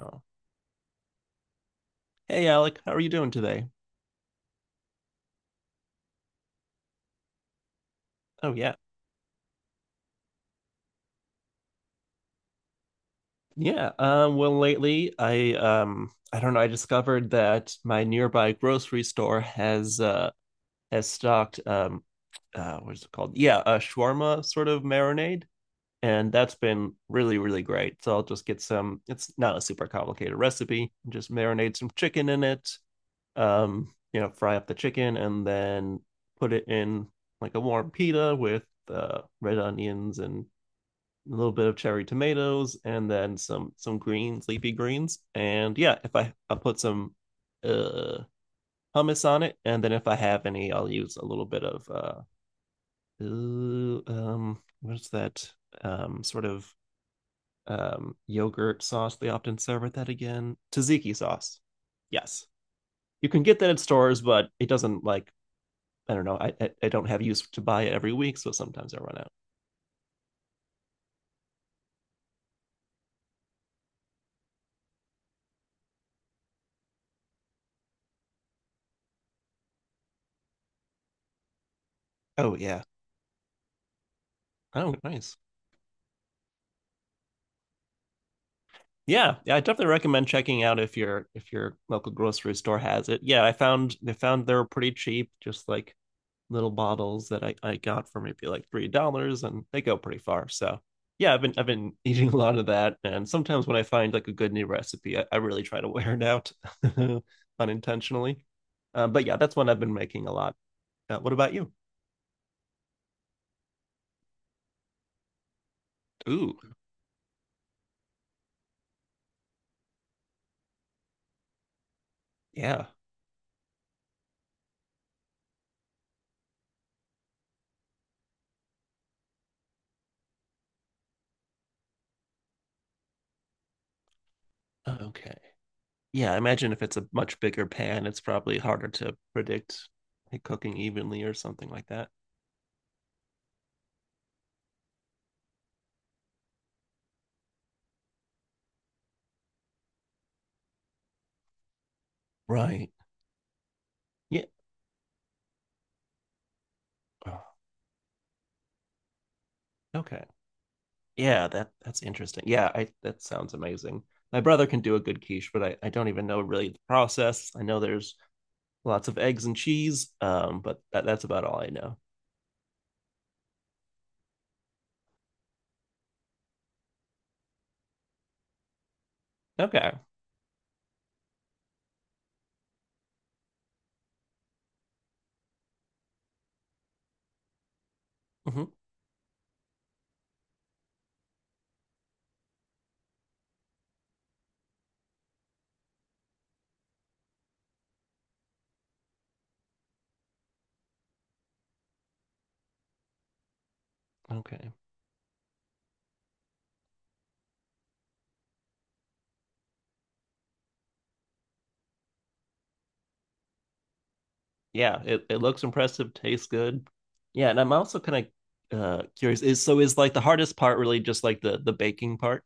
Oh. Hey Alec, how are you doing today? Oh yeah. Yeah. Well lately I don't know, I discovered that my nearby grocery store has stocked what is it called? Yeah, a shawarma sort of marinade. And that's been really, really great. So I'll just get some, it's not a super complicated recipe. Just marinate some chicken in it. You know, fry up the chicken and then put it in like a warm pita with red onions and a little bit of cherry tomatoes, and then some greens, leafy greens. And yeah, if I'll put some uh hummus on it, and then if I have any, I'll use a little bit of what's that sort of yogurt sauce they often serve with that again tzatziki sauce. Yes, you can get that at stores, but it doesn't like I don't know. I don't have use to buy it every week, so sometimes I run out. Oh yeah. Oh, nice. Yeah, yeah, I definitely recommend checking out if your local grocery store has it. Yeah, I found they were pretty cheap, just like little bottles that I got for maybe like $3 and they go pretty far. So yeah, I've been eating a lot of that and sometimes when I find like a good new recipe, I really try to wear it out unintentionally. But yeah, that's one I've been making a lot. What about you? Ooh, yeah. Okay. Yeah, I imagine if it's a much bigger pan, it's probably harder to predict it cooking evenly or something like that. Right. Yeah. Oh, Okay. Yeah, that's interesting. Yeah, I that sounds amazing. My brother can do a good quiche, but I don't even know really the process. I know there's lots of eggs and cheese, but that's about all I know. Okay. Hmm. Okay. Yeah, it looks impressive, tastes good. Yeah, and I'm also kind of curious is so is like the hardest part really just like the baking part?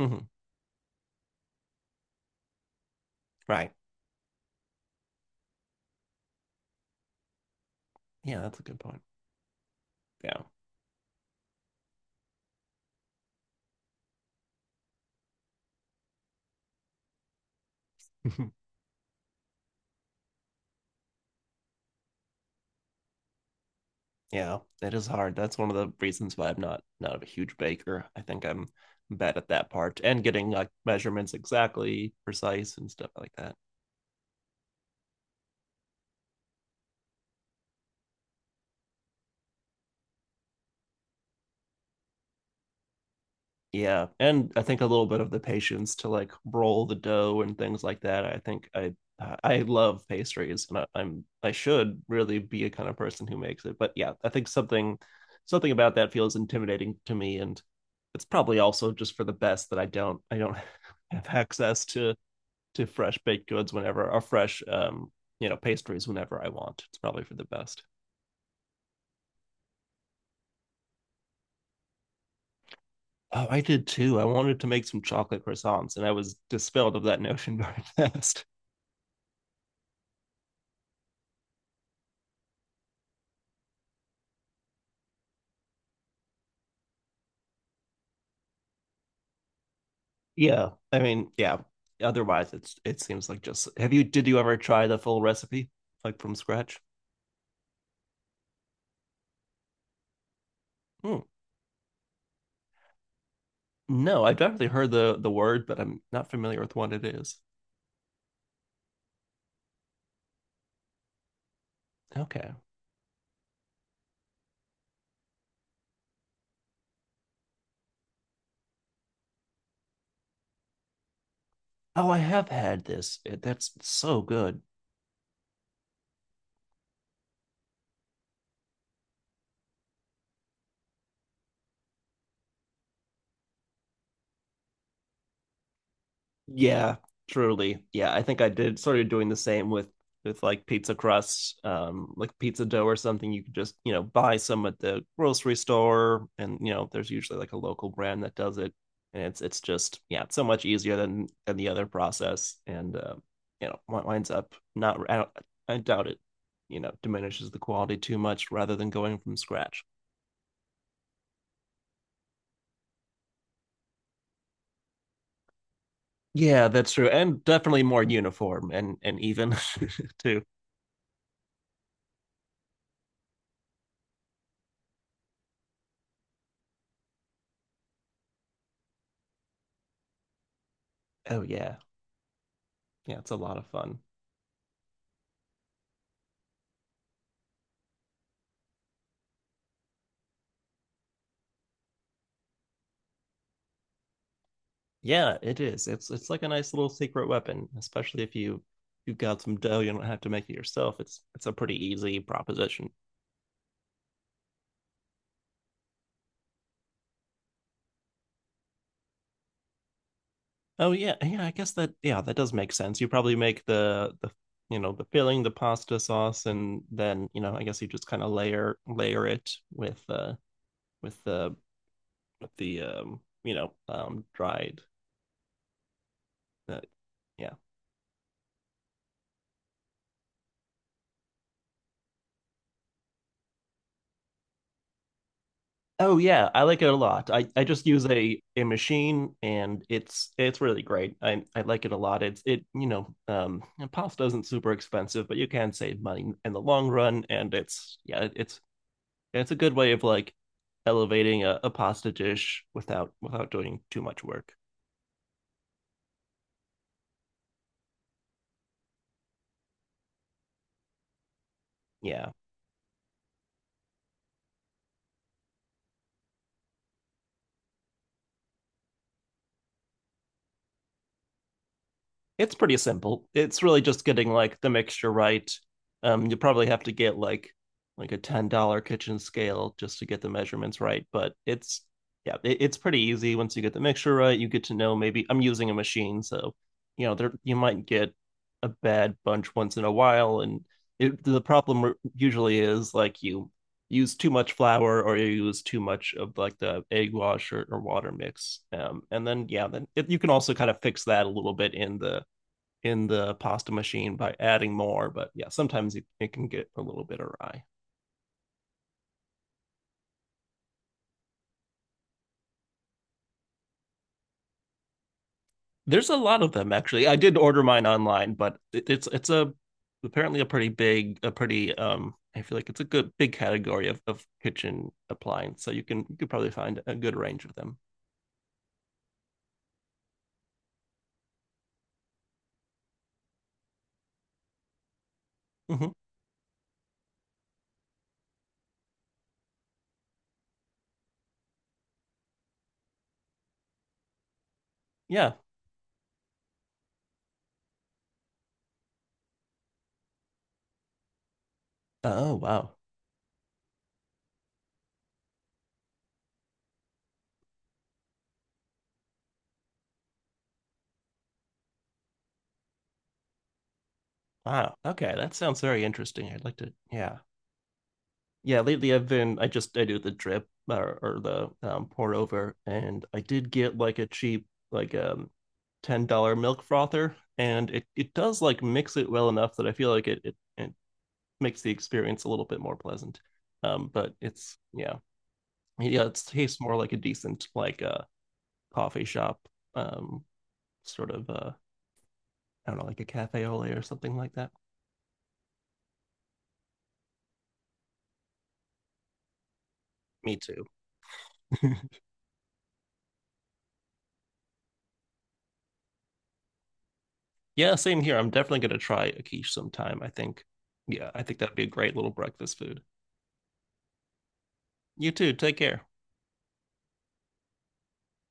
Hmm. Right. Yeah, that's a good point. Yeah. yeah, it is hard. That's one of the reasons why I'm not a huge baker. I think I'm bad at that part and getting like measurements exactly precise and stuff like that. Yeah, and I think a little bit of the patience to like roll the dough and things like that. I love pastries, and I should really be a kind of person who makes it. But yeah, I think something about that feels intimidating to me, and it's probably also just for the best that I don't have access to fresh baked goods whenever or fresh you know pastries whenever I want. It's probably for the best. Oh, I did too. I wanted to make some chocolate croissants, and I was dispelled of that notion very fast. Yeah, I mean, yeah. Otherwise, it's it seems like just. Have you? Did you ever try the full recipe, like from scratch? Hmm. No, I've definitely heard the word, but I'm not familiar with what it is. Okay. Oh, I have had this. It, that's so good. Yeah, truly. Yeah, I think I did started doing the same with like pizza crust, like pizza dough or something. You could just, you know, buy some at the grocery store and, you know, there's usually like a local brand that does it. And it's just, yeah, it's so much easier than the other process. And you know, winds up not I don't, I doubt it, you know, diminishes the quality too much rather than going from scratch. Yeah, that's true. And definitely more uniform and even too. Oh yeah. Yeah, it's a lot of fun. Yeah, it is. It's like a nice little secret weapon, especially if you you've got some dough, you don't have to make it yourself. It's a pretty easy proposition. Oh yeah, yeah, I guess that yeah, that does make sense. You probably make the you know, the filling, the pasta sauce, and then, you know, I guess you just kind of layer it with the with the you know, dried uh, yeah, Oh yeah, I like it a lot. I just use a machine and it's really great. I like it a lot. It's it you know and pasta isn't super expensive, but you can save money in the long run and it's yeah it's a good way of like elevating a pasta dish without without doing too much work. Yeah. It's pretty simple. It's really just getting like the mixture right. You probably have to get like a $10 kitchen scale just to get the measurements right. But it's yeah, it's pretty easy once you get the mixture right. You get to know maybe I'm using a machine, so you know there you might get a bad bunch once in a while, and it, the problem usually is like you use too much flour or you use too much of like the egg wash or water mix and then yeah then it, you can also kind of fix that a little bit in the pasta machine by adding more, but yeah, sometimes it can get a little bit awry. There's a lot of them actually. I did order mine online, but it's a apparently a pretty big a pretty I feel like it's a good big category of kitchen appliance. So you can you could probably find a good range of them. Hmm. Yeah. Oh wow. Wow. Okay, that sounds very interesting. I'd like to yeah, yeah, lately I've been I just I do the drip or the pour over, and I did get like a cheap like $10 milk frother, and it does like mix it well enough that I feel like it makes the experience a little bit more pleasant. But it's yeah yeah it tastes more like a decent like a coffee shop um sort of I don't know like a cafe au lait or something like that. Me too. Yeah, same here. I'm definitely gonna try a quiche sometime. I think, yeah, I think that'd be a great little breakfast food. You too. Take care.